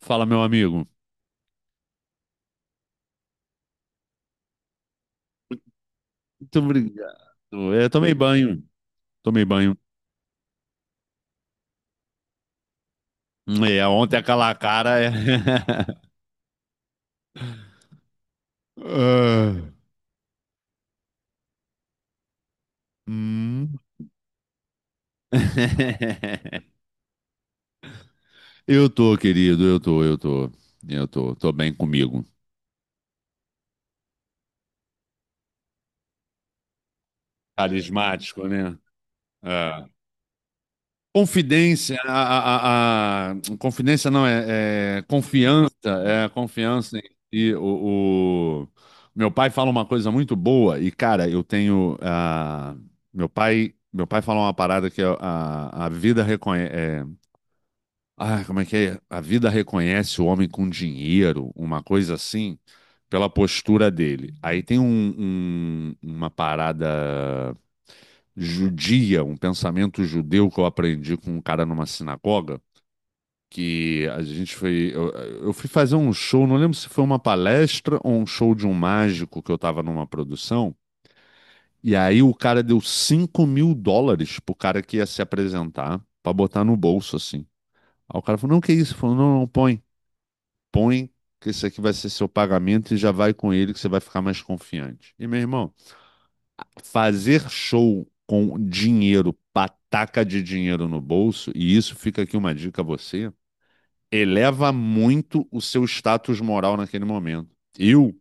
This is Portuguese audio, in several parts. Fala, meu amigo. Muito obrigado. Eu tomei banho. Tomei banho. É, ontem aquela cara. Ah, hum. Eu tô, querido. Eu tô, eu tô. Eu tô. Tô bem comigo. Carismático, né? É. Confidência, confidência não, é confiança, é a confiança em si. Meu pai fala uma coisa muito boa e, cara, eu tenho, meu pai fala uma parada que a vida reconhece, como é que é? A vida reconhece o homem com dinheiro, uma coisa assim, pela postura dele. Aí tem uma parada judia, um pensamento judeu que eu aprendi com um cara numa sinagoga, que a gente foi. Eu fui fazer um show, não lembro se foi uma palestra ou um show de um mágico que eu tava numa produção. E aí o cara deu US$ 5.000 pro cara que ia se apresentar, pra botar no bolso, assim. Aí o cara falou: não, que isso? Ele falou: não, não, põe põe que esse aqui vai ser seu pagamento e já vai com ele que você vai ficar mais confiante. E, meu irmão, fazer show com dinheiro, pataca de dinheiro no bolso, e isso fica aqui uma dica a você, eleva muito o seu status moral naquele momento. Eu,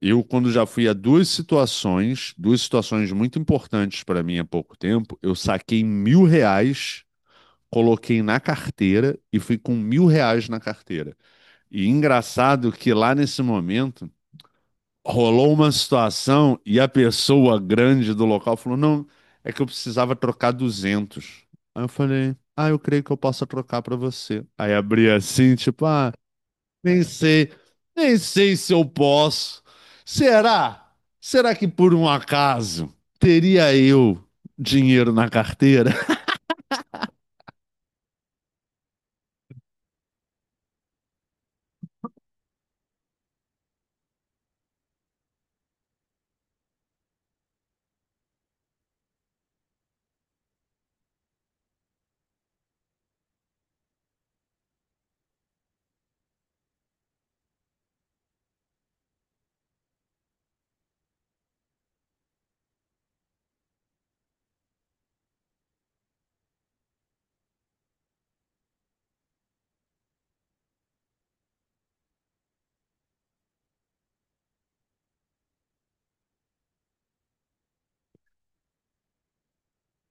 eu quando já fui a duas situações muito importantes para mim há pouco tempo, eu saquei R$ 1.000 coloquei na carteira e fui com R$ 1.000 na carteira. E engraçado que lá nesse momento rolou uma situação e a pessoa grande do local falou: Não, é que eu precisava trocar 200. Aí eu falei: Ah, eu creio que eu possa trocar pra você. Aí abri assim, tipo: Ah, nem sei, nem sei se eu posso. Será? Será que por um acaso teria eu dinheiro na carteira?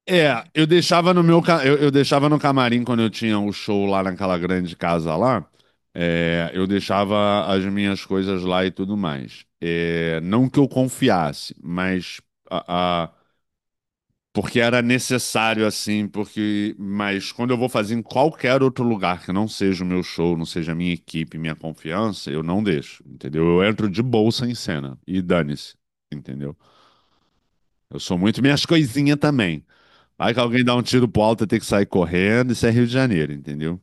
É, eu deixava no meu, ca- eu deixava no camarim quando eu tinha o show lá naquela grande casa lá. É, eu deixava as minhas coisas lá e tudo mais. É, não que eu confiasse, mas a, a- porque era necessário assim, porque mas quando eu vou fazer em qualquer outro lugar que não seja o meu show, não seja a minha equipe, minha confiança, eu não deixo, entendeu? Eu entro de bolsa em cena e dane-se, entendeu? Eu sou muito minhas coisinhas também. Aí que alguém dá um tiro pro alto, tem que sair correndo, isso é Rio de Janeiro, entendeu?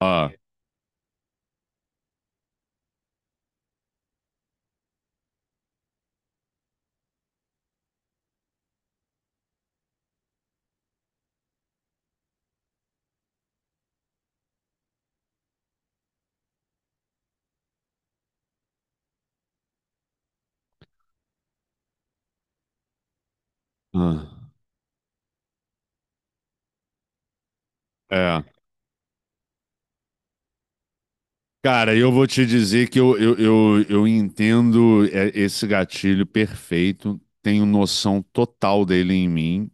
Ah, ah, é. Cara, eu vou te dizer que eu entendo esse gatilho perfeito, tenho noção total dele em mim.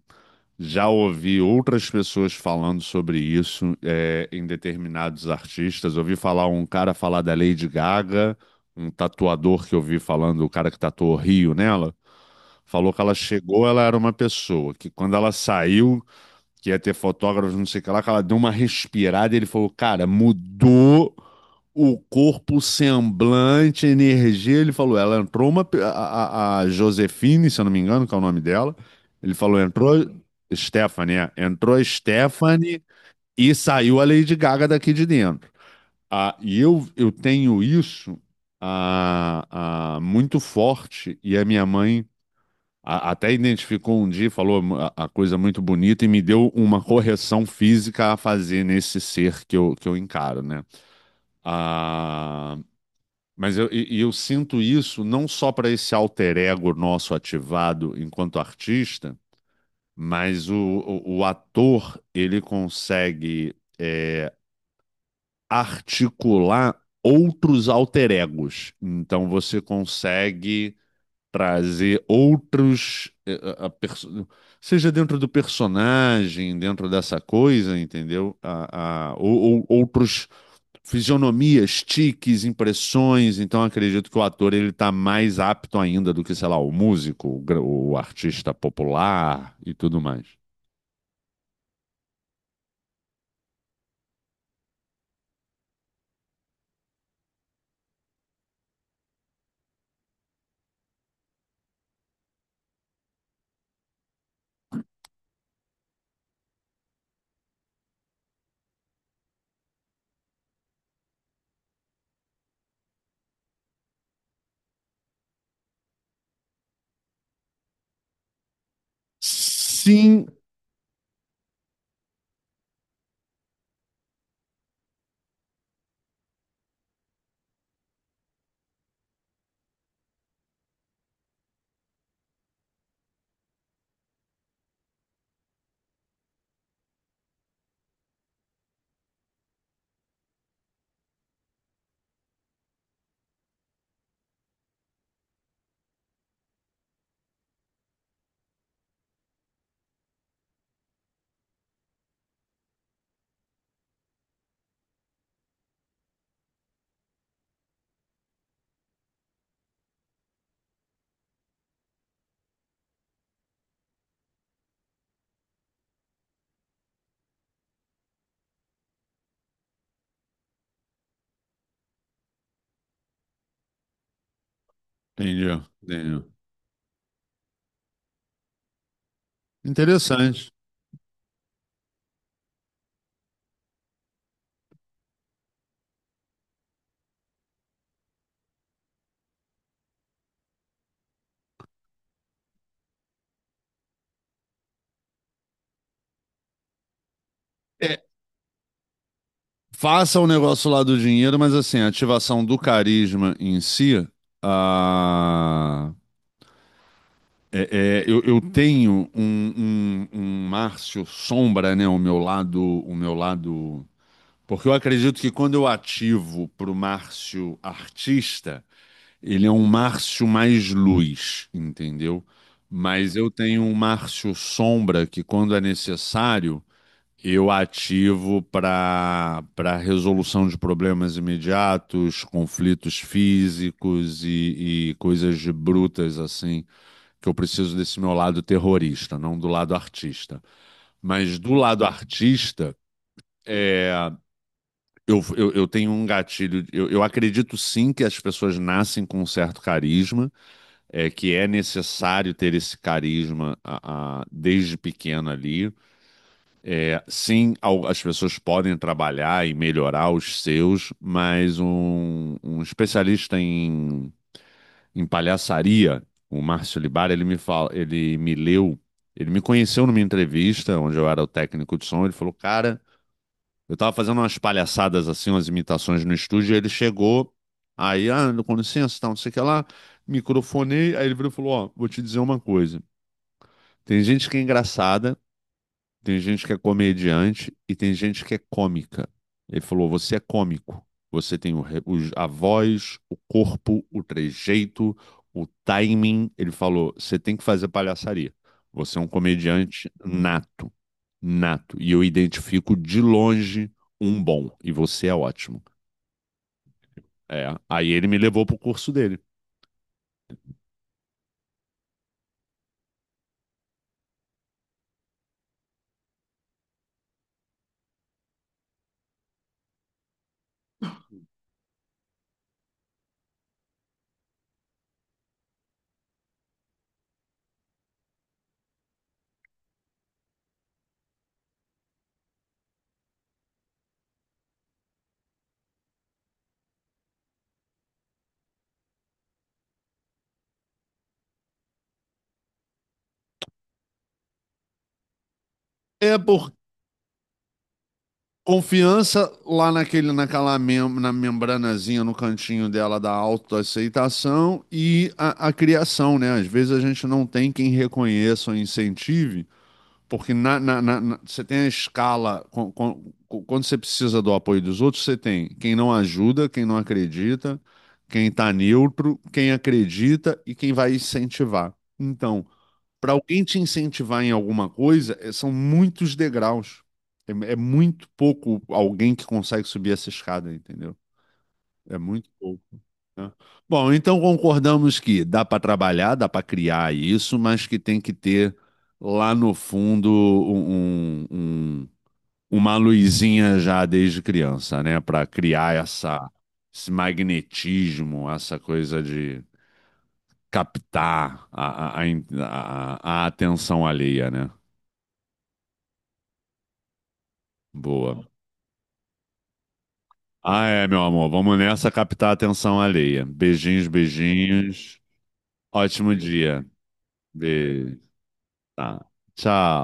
Já ouvi outras pessoas falando sobre isso, em determinados artistas. Ouvi falar um cara falar da Lady Gaga, um tatuador que eu vi falando, o cara que tatuou Rio nela, falou que ela chegou, ela era uma pessoa, que quando ela saiu, que ia ter fotógrafos, não sei o que lá, que ela deu uma respirada e ele falou, cara, mudou o corpo, o semblante, a energia. Ele falou, ela entrou uma. A Josefine, se eu não me engano, que é o nome dela. Ele falou, entrou. Stephanie, é. Entrou a Stephanie e saiu a Lady Gaga daqui de dentro. Ah, e eu tenho isso ah, muito forte, e a minha mãe até identificou um dia, e falou a coisa muito bonita e me deu uma correção física a fazer nesse ser que eu encaro, né? Ah, mas eu, e eu sinto isso não só para esse alter ego nosso ativado enquanto artista, mas o ator ele consegue articular outros alter egos. Então você consegue trazer outros, seja dentro do personagem, dentro dessa coisa, entendeu? Outros fisionomias, tiques, impressões. Então, acredito que o ator ele está mais apto ainda do que, sei lá, o músico, o artista popular e tudo mais. Sim. Entendi, entendi. Interessante. É, faça o negócio lá do dinheiro, mas assim, a ativação do carisma em si, ah, é, eu tenho um Márcio sombra, né? O meu lado, o meu lado. Porque eu acredito que quando eu ativo para o Márcio artista, ele é um Márcio mais luz, entendeu? Mas eu tenho um Márcio sombra que, quando é necessário, eu ativo para resolução de problemas imediatos, conflitos físicos e coisas de brutas assim, que eu preciso desse meu lado terrorista, não do lado artista. Mas do lado artista, é, eu tenho um gatilho. Eu acredito sim que as pessoas nascem com um certo carisma, que é necessário ter esse carisma desde pequeno ali. É, sim, as pessoas podem trabalhar e melhorar os seus, mas um especialista em, em palhaçaria, o Márcio Libara, ele me fala, ele me leu, ele me conheceu numa entrevista onde eu era o técnico de som, ele falou, cara, eu tava fazendo umas palhaçadas assim, umas imitações no estúdio, e ele chegou, aí, com licença, tal, não sei o que lá, microfonei, aí ele virou e falou, ó, vou te dizer uma coisa, tem gente que é engraçada, tem gente que é comediante e tem gente que é cômica. Ele falou: você é cômico. Você tem a voz, o corpo, o trejeito, o timing. Ele falou: você tem que fazer palhaçaria. Você é um comediante nato. Nato. E eu identifico de longe um bom. E você é ótimo. É. Aí ele me levou pro curso dele. É por confiança lá naquele, naquela mem na membranazinha no cantinho dela da autoaceitação e a criação, né? Às vezes a gente não tem quem reconheça ou incentive, porque você tem a escala, quando você precisa do apoio dos outros, você tem quem não ajuda, quem não acredita, quem está neutro, quem acredita e quem vai incentivar. Então, para alguém te incentivar em alguma coisa, são muitos degraus. É muito pouco alguém que consegue subir essa escada, entendeu? É muito pouco. Né? Bom, então concordamos que dá para trabalhar, dá para criar isso, mas que tem que ter lá no fundo uma luzinha já desde criança, né? Para criar esse magnetismo, essa coisa de captar a atenção alheia, né? Boa. Ah, é, meu amor. Vamos nessa captar a atenção alheia. Beijinhos, beijinhos. Ótimo dia. Beijo. Tá. Tchau.